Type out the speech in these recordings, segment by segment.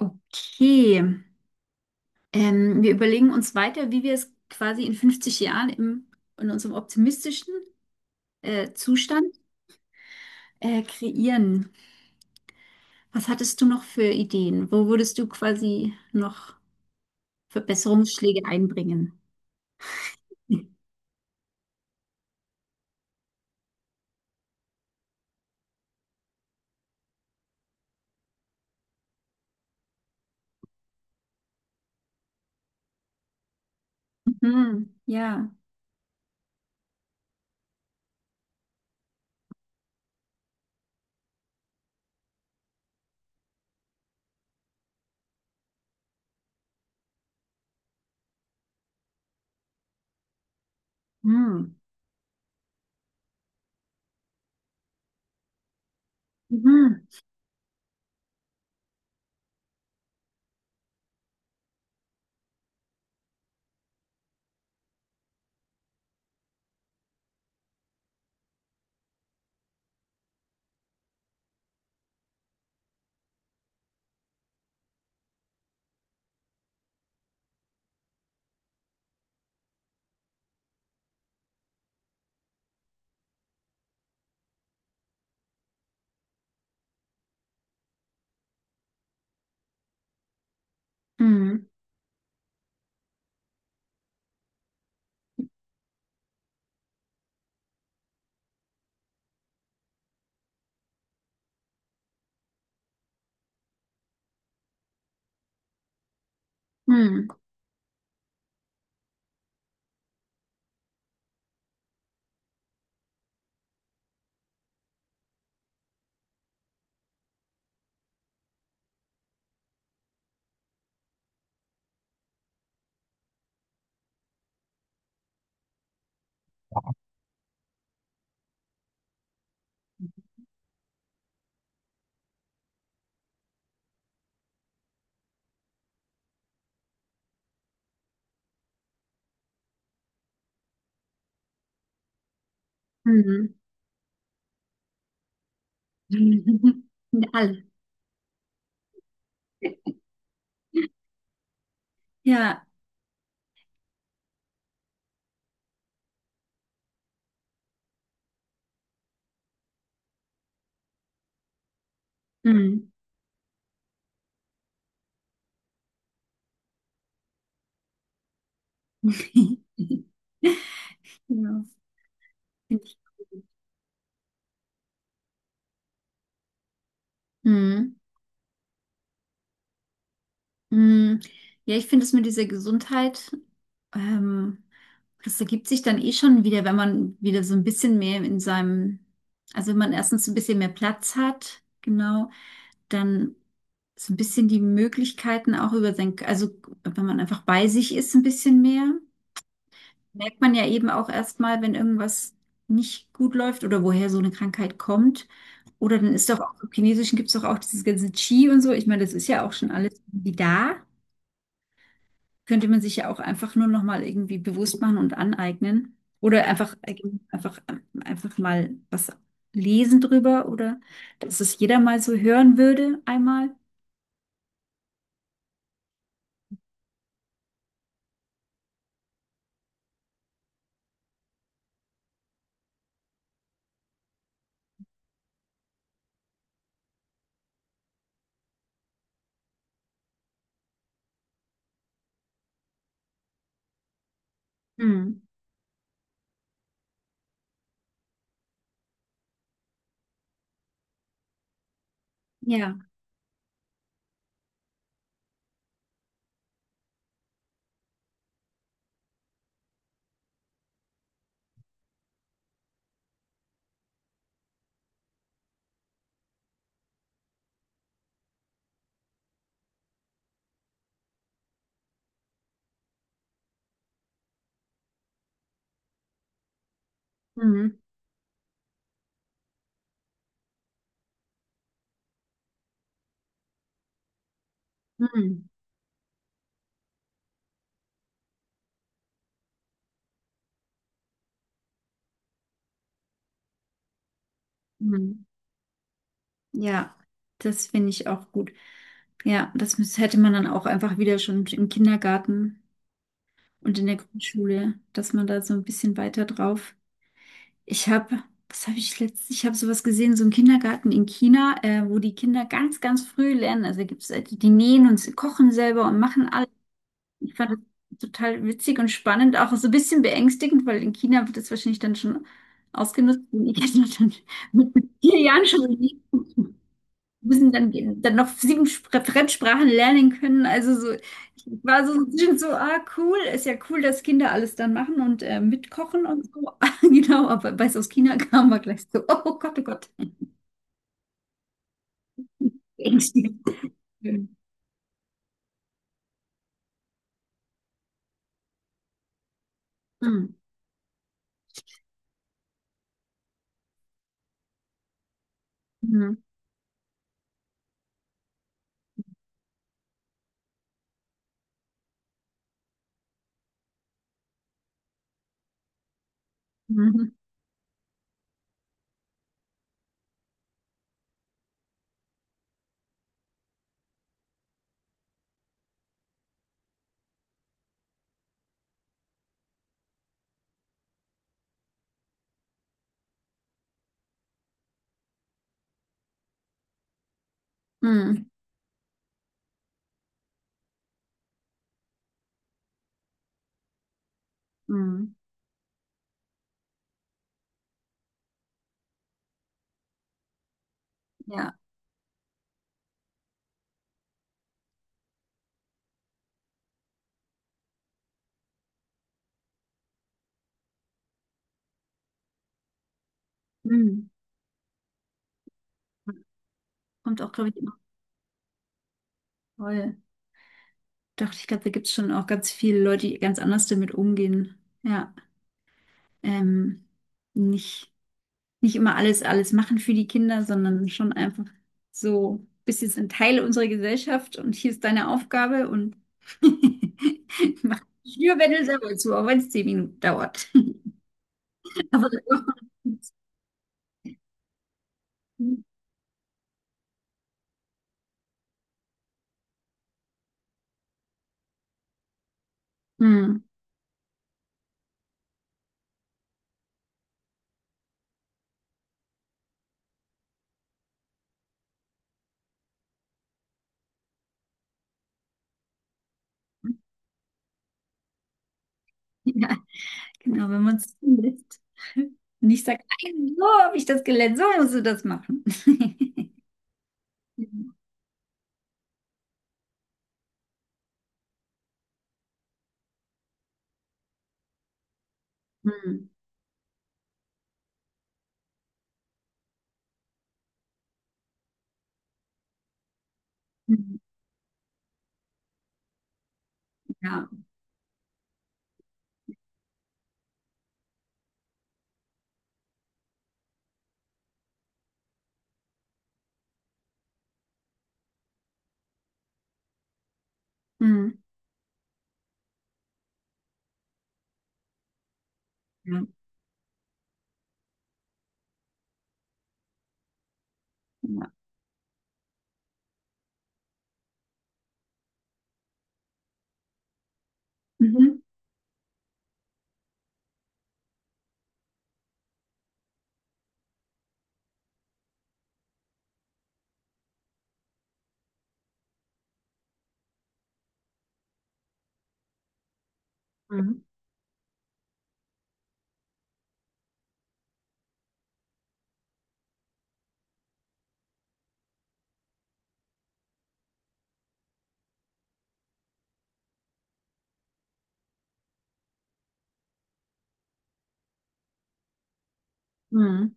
Okay. Wir überlegen uns weiter, wie wir es quasi in 50 Jahren im, in unserem optimistischen Zustand kreieren. Was hattest du noch für Ideen? Wo würdest du quasi noch Verbesserungsschläge einbringen? Mhm. Ja. Mhm. Mhm. Mhm. Mhm. Mhm. Alle. Ja. Mhm. Ja. Finde ich. Mhm. Mm, Ja, ich finde es mit dieser Gesundheit, ähm, das ergibt sich dann eh schon wieder, wenn man wieder so ein bisschen mehr in seinem, also wenn man erstens ein bisschen mehr Platz hat, genau, dann so ein bisschen die Möglichkeiten auch über sein, also wenn man einfach bei sich ist, ein bisschen mehr, merkt man ja eben auch erstmal, wenn irgendwas nicht gut läuft oder woher so eine Krankheit kommt. Oder dann ist doch auch im Chinesischen gibt es doch auch dieses ganze Qi und so. Ich meine, das ist ja auch schon alles irgendwie da, könnte man sich ja auch einfach nur noch mal irgendwie bewusst machen und aneignen oder einfach einfach mal was lesen drüber, oder dass es jeder mal so hören würde einmal. Hm. Ja. Hm. Hm. Hm. Ja, das finde ich auch gut. Ja, hätte man dann auch einfach wieder schon im Kindergarten und in der Grundschule, dass man da so ein bisschen weiter drauf. Ich habe, was habe ich letztens, ich habe sowas gesehen, so im Kindergarten in China, wo die Kinder ganz, ganz früh lernen. Also gibt es die, die nähen und sie kochen selber und machen alles. Ich fand das total witzig und spannend, auch so ein bisschen beängstigend, weil in China wird das wahrscheinlich dann schon ausgenutzt. Und ich hätte dann schon mit 4 Jahren schon müssen dann, dann noch Fremdsprachen lernen können. Also so, ich war so so ein bisschen so, ah, cool, ist ja cool, dass Kinder alles dann machen und mitkochen und so. Genau, aber weil es aus China kam, war gleich so, oh Gott, oh Gott. Ängstigend. Mhm. Mhm. Mhm. Mhm. Mhm. Ja. Mhm. Kommt auch, glaube ich, immer voll. Doch, ich glaube, da gibt es schon auch ganz viele Leute, die ganz anders damit umgehen. Ja. Ähm, nicht. Nicht immer alles, alles machen für die Kinder, sondern schon einfach so, bist jetzt ein Teil unserer Gesellschaft und hier ist deine Aufgabe und mach dich nur, wenn du selber zu, auch wenn es 10 Minuten dauert. Aber so. Hm, ja, genau, wenn man es lässt. Und ich sage, nein, so habe ich das gelernt, so musst du das machen. Hm, hm, ja. Hm, ja. Ja. Mhm. Mhm. Mhm.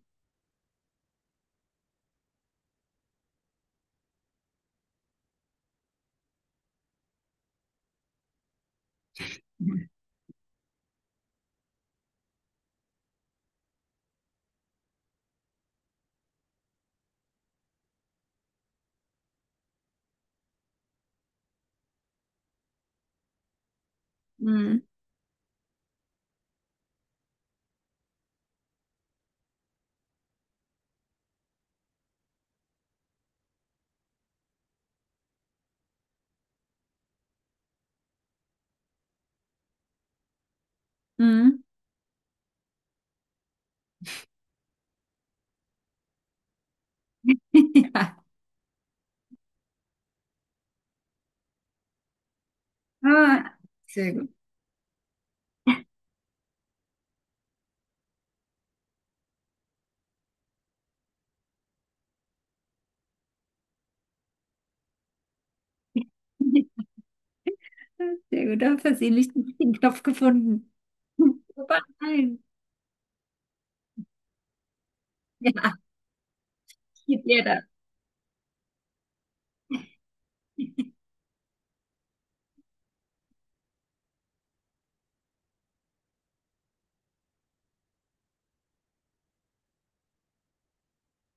Ja. Mhm. Mhm. Ja. Ah, sehr gut. Sehr gut, da versehentlich den richtigen Knopf gefunden. Super, nein. Ja, geht jeder.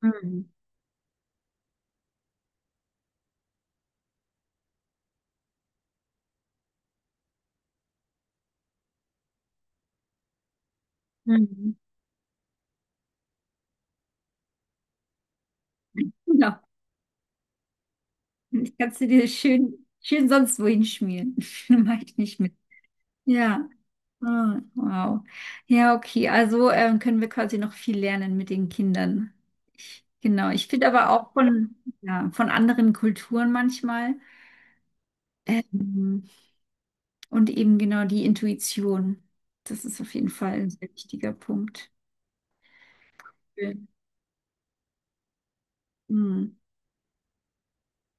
Mhm. Mhm. Genau. Ich kann es dir schön, schön sonst wohin schmieren. Mache ich nicht mit. Ja. Ah, wow. Ja, okay. Also können wir quasi noch viel lernen mit den Kindern. Ich, genau. Ich finde aber auch von, ja, von anderen Kulturen manchmal. Ähm, Und eben genau die Intuition. Das ist auf jeden Fall ein sehr wichtiger Punkt. Schön. Hm.